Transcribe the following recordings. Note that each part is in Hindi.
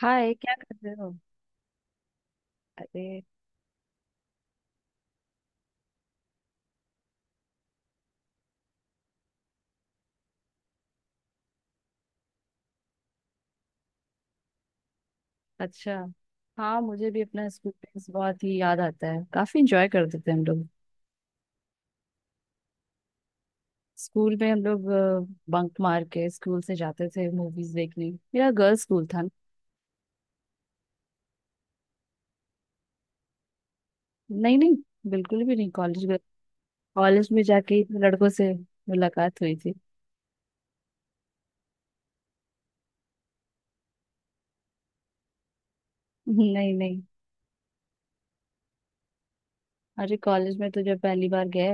हाय, क्या कर रहे हो। अरे। अच्छा। हाँ, मुझे भी अपना स्कूल फ्रेंड्स बहुत ही याद आता है। काफी इंजॉय करते थे हम लोग। स्कूल में हम लोग बंक मार के स्कूल से जाते थे मूवीज देखने। मेरा गर्ल्स स्कूल था। नहीं, नहीं। बिल्कुल भी नहीं कॉलेज में। कॉलेज में जाके ही लड़कों से मुलाकात हुई थी। नहीं, नहीं। अरे, कॉलेज में तो जब पहली बार गए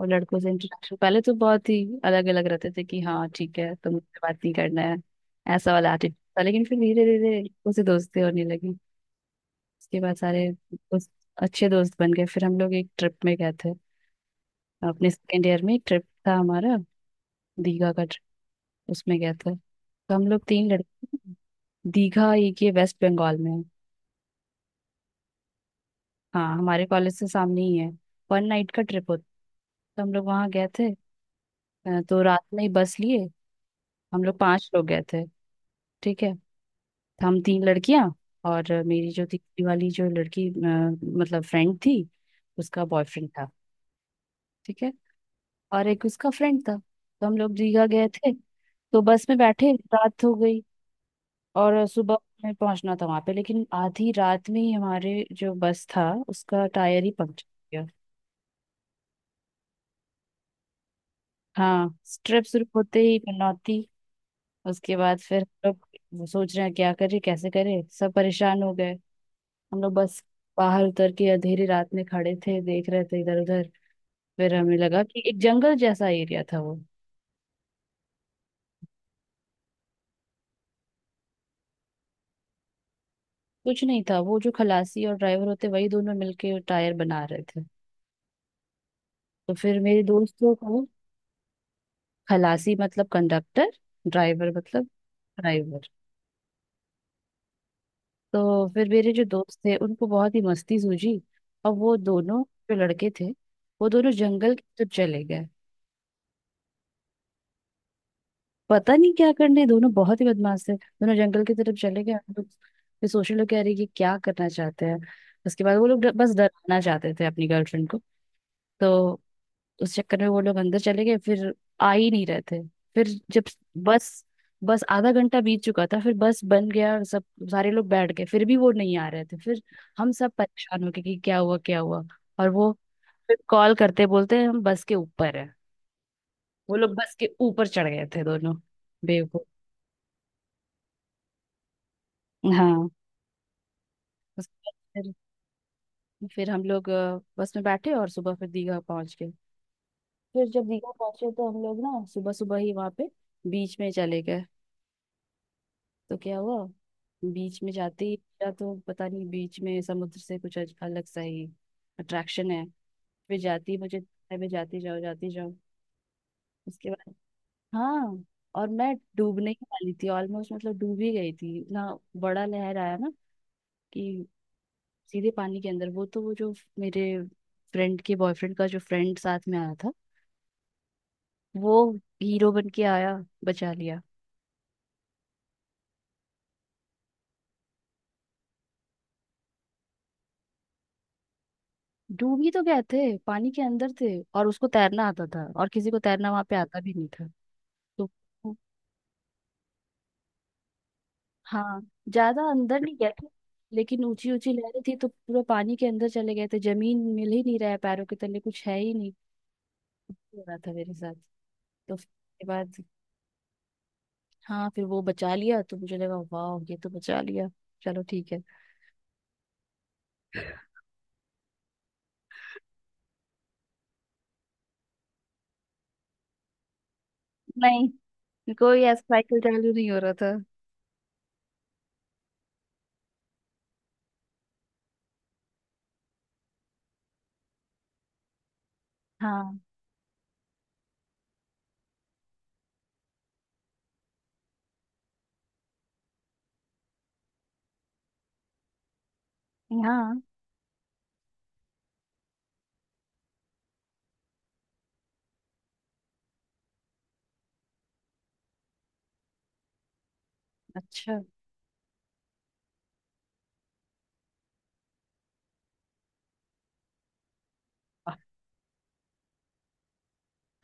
और लड़कों से इंट्रोडक्शन पहले तो बहुत ही अलग अलग रहते थे, कि हाँ ठीक है तो मुझसे बात नहीं करना है। ऐसा वाला एटीट्यूड था, लेकिन फिर धीरे धीरे उसे दोस्ती होने लगी। उसके बाद सारे उस अच्छे दोस्त बन गए। फिर हम लोग एक ट्रिप में गए थे। अपने सेकेंड ईयर में एक ट्रिप था हमारा, दीघा का ट्रिप। उसमें गए थे तो हम लोग तीन लड़के थे। दीघा एक ये वेस्ट बंगाल में है। हाँ, हमारे कॉलेज से सामने ही है। वन नाइट का ट्रिप होता, तो हम लोग वहाँ गए थे। तो रात में ही बस लिए। हम लोग पांच लोग गए थे। ठीक है। तो हम तीन लड़कियां, और मेरी जो तीसरी वाली जो लड़की मतलब फ्रेंड थी, उसका बॉयफ्रेंड था। ठीक है। और एक उसका फ्रेंड था। तो हम लोग दीघा गए थे। तो बस में बैठे रात हो गई, और सुबह में पहुंचना था वहां पे। लेकिन आधी रात में ही हमारे जो बस था उसका टायर ही पंक्चर हो गया। हाँ, ट्रिप शुरू होते ही पनौती। उसके बाद फिर हम लोग सोच रहे हैं क्या करें, कैसे करें, सब परेशान हो गए। हम लोग बस बाहर उतर के अंधेरी रात में खड़े थे, देख रहे थे इधर उधर। फिर हमें लगा कि एक जंगल जैसा एरिया था वो। कुछ नहीं था। वो जो खलासी और ड्राइवर होते वही दोनों मिलके टायर बना रहे थे। तो फिर मेरे दोस्तों को। खलासी मतलब कंडक्टर। ड्राइवर मतलब ड्राइवर। तो फिर मेरे जो दोस्त थे उनको बहुत ही मस्ती सूझी। और वो दोनों जो लड़के थे, वो दोनों जंगल की तरफ चले गए। पता नहीं क्या करने, दोनों बहुत ही बदमाश थे। दोनों जंगल की तरफ चले गए। हम लोग फिर सोशल लोग कह रही कि क्या करना चाहते हैं। उसके बाद वो लोग बस डराना चाहते थे अपनी गर्लफ्रेंड को। तो उस चक्कर में वो लोग अंदर चले गए। फिर आ ही नहीं रहे थे। फिर जब बस बस आधा घंटा बीत चुका था, फिर बस बन गया। और सब सारे लोग बैठ गए। फिर भी वो नहीं आ रहे थे। फिर हम सब परेशान हो गए कि क्या हुआ, क्या हुआ। और वो फिर कॉल करते बोलते हैं हम बस के ऊपर है। वो लोग बस के ऊपर चढ़ गए थे दोनों बेवकूफ। हाँ। उसके बाद फिर हम लोग बस में बैठे और सुबह फिर दीघा पहुंच गए। फिर जब दीघा पहुंचे तो हम लोग ना सुबह सुबह ही वहां पे बीच में चले गए। तो क्या हुआ, बीच में जाते ही, या तो पता नहीं बीच में समुद्र से कुछ अलग सा ही अट्रैक्शन है। फिर जाती ही मुझे, मैं जाती जाओ जाती जाओ। उसके बाद, हाँ, और मैं डूबने ही वाली थी। ऑलमोस्ट मतलब डूब ही गई थी। इतना बड़ा लहर आया ना, कि सीधे पानी के अंदर। वो तो वो जो मेरे फ्रेंड के बॉयफ्रेंड का जो फ्रेंड साथ में आया था, वो हीरो बन के आया, बचा लिया। डूब ही तो गए थे, पानी के अंदर थे। और उसको तैरना आता था, और किसी को तैरना वहां पे आता भी नहीं था। तो हाँ, ज्यादा अंदर नहीं गए थे, लेकिन ऊंची ऊंची लहरें थी, तो पूरा पानी के अंदर चले गए थे। जमीन मिल ही नहीं रहा है पैरों के तले, कुछ है ही नहीं। ऐसे हो रहा था मेरे साथ। तो फिर उसके बाद, हाँ, फिर वो बचा लिया तो मुझे लगा वाह ये तो बचा लिया, चलो ठीक है। नहीं, कोई ऐसा साइकिल चालू नहीं हो रहा था। हाँ। यहाँ। अच्छा।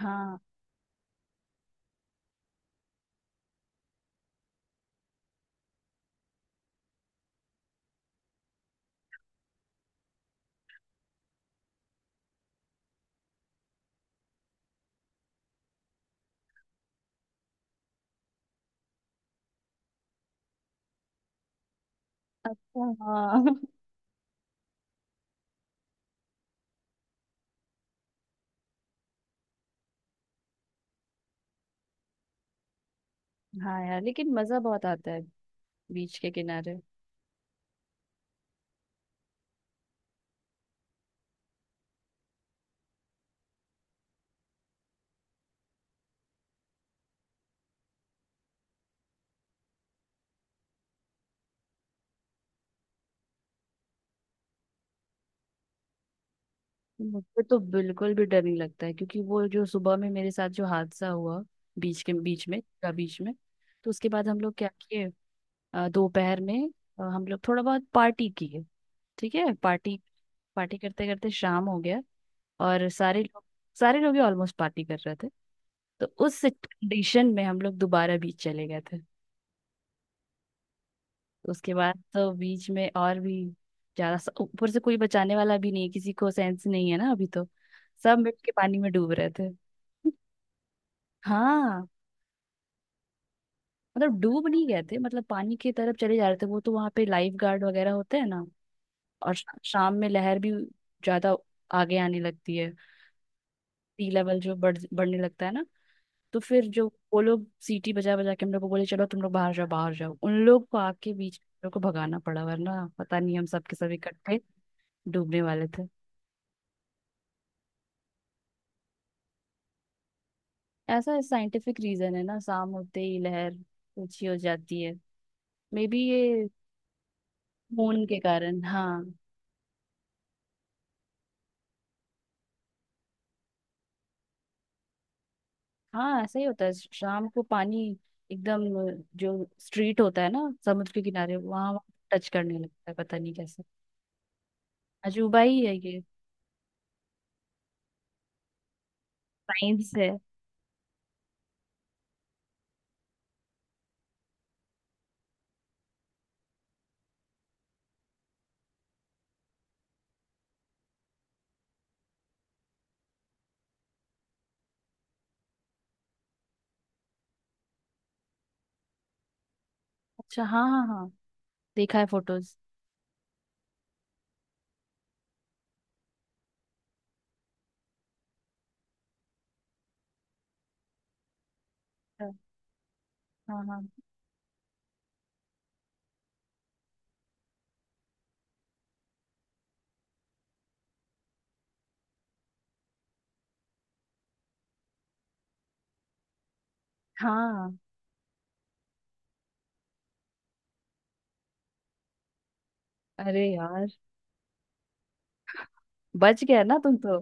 हाँ। अच्छा। हाँ। हाँ यार, लेकिन मजा बहुत आता है बीच के किनारे। मुझे तो बिल्कुल भी डर नहीं लगता है, क्योंकि वो जो सुबह में मेरे साथ जो हादसा हुआ बीच के बीच में का बीच में। तो उसके बाद हम लोग क्या किए, दोपहर में हम लोग थोड़ा बहुत पार्टी किए। ठीक है, पार्टी। पार्टी करते करते शाम हो गया। और सारे लोग ही ऑलमोस्ट पार्टी कर रहे थे। तो उस कंडीशन में हम लोग दोबारा बीच चले गए थे। तो उसके बाद तो बीच में और भी ज्यादा ऊपर से कोई बचाने वाला भी नहीं है, किसी को सेंस नहीं है ना अभी तो। सब मिल के पानी में डूब रहे थे। हाँ, मतलब डूब नहीं गए थे, मतलब पानी की तरफ चले जा रहे थे। वो तो वहां पे लाइफ गार्ड वगैरह होते हैं ना। और शाम में लहर भी ज्यादा आगे आने लगती है। सी लेवल जो बढ़ने लगता है ना। तो फिर जो वो लोग सीटी बजा बजा के हम लोग को बोले चलो तुम लोग बाहर जाओ, बाहर जाओ। उन लोग को आग के बीच हम लोग को भगाना पड़ा, वरना पता नहीं हम सब के सब इकट्ठे डूबने वाले थे। ऐसा साइंटिफिक रीजन है ना, शाम होते ही लहर ऊंची हो जाती है। मे बी ये खून के कारण, हाँ। हाँ, ऐसा ही होता है शाम को। पानी एकदम जो स्ट्रीट होता है ना समुद्र के किनारे, वहां टच करने लगता है पता नहीं कैसे। अजूबा ही है ये। साइंस है। अच्छा। हाँ, हाँ, हाँ। देखा है फोटोज। हाँ, हाँ, हाँ। अरे यार, बच गया ना तुम तो।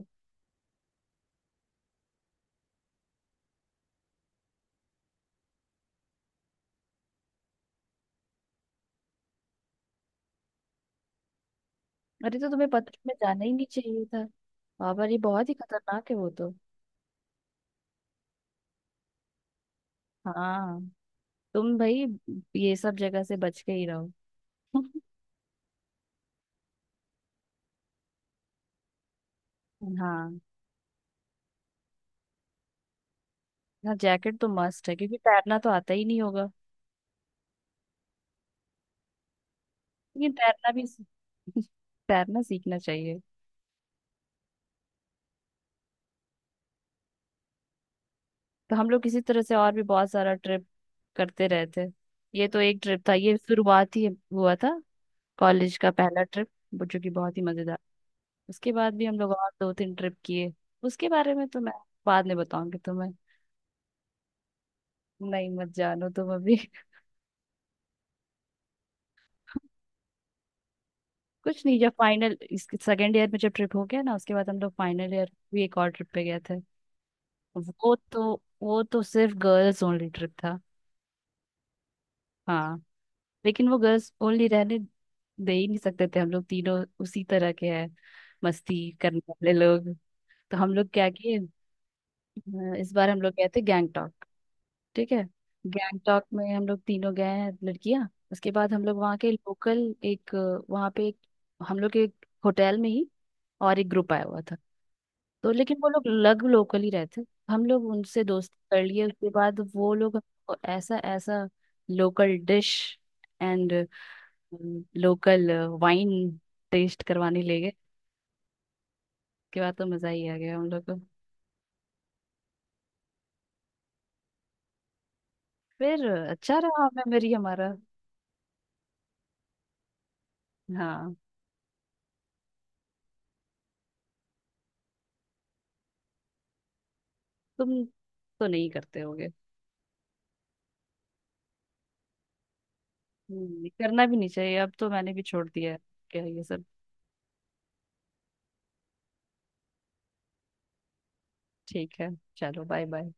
अरे, तो तुम्हें पता में जाना ही नहीं चाहिए था। बाबा, ये बहुत ही खतरनाक है वो तो। हाँ, तुम भाई ये सब जगह से बच के ही रहो। हाँ। ना, जैकेट तो मस्ट है, क्योंकि तैरना तो आता ही नहीं होगा। लेकिन तैरना भी, तैरना सीखना चाहिए। तो हम लोग किसी तरह से और भी बहुत सारा ट्रिप करते रहे थे। ये तो एक ट्रिप था, ये शुरुआत ही हुआ था, कॉलेज का पहला ट्रिप, जो कि बहुत ही मजेदार। उसके बाद भी हम लोग और दो तीन ट्रिप किए। उसके बारे में तो मैं बाद में बताऊंगी तुम्हें। नहीं, मत जानो तुम अभी। कुछ नहीं, जब फाइनल इसके सेकेंड ईयर में जब ट्रिप हो गया ना, उसके बाद हम लोग फाइनल ईयर भी एक और ट्रिप पे गए थे। वो तो वो तो सिर्फ गर्ल्स ओनली ट्रिप था। हाँ। लेकिन वो गर्ल्स ओनली रहने दे ही नहीं सकते थे, हम लोग तीनों उसी तरह के हैं, मस्ती करने वाले लोग। तो हम लोग क्या किए, इस बार हम लोग गए थे गैंगटॉक। ठीक है। गैंगटॉक में हम लोग तीनों गए हैं लड़कियां। उसके बाद हम लोग वहाँ के लोकल एक वहाँ पे एक हम लोग के होटल में ही और एक ग्रुप आया हुआ था। तो लेकिन वो लोग लग लोकल ही रहते। हम लोग उनसे दोस्ती कर लिए। उसके बाद वो लोग हमको ऐसा ऐसा local dish and local wine taste करवाने ले गए। उसके बाद तो मजा ही आ गया हम लोग को। फिर अच्छा रहा मेमोरी हमारा। हाँ, तुम तो नहीं करते हो? करना भी नहीं चाहिए, अब तो मैंने भी छोड़ दिया है क्या ये सब। ठीक है, चलो बाय बाय।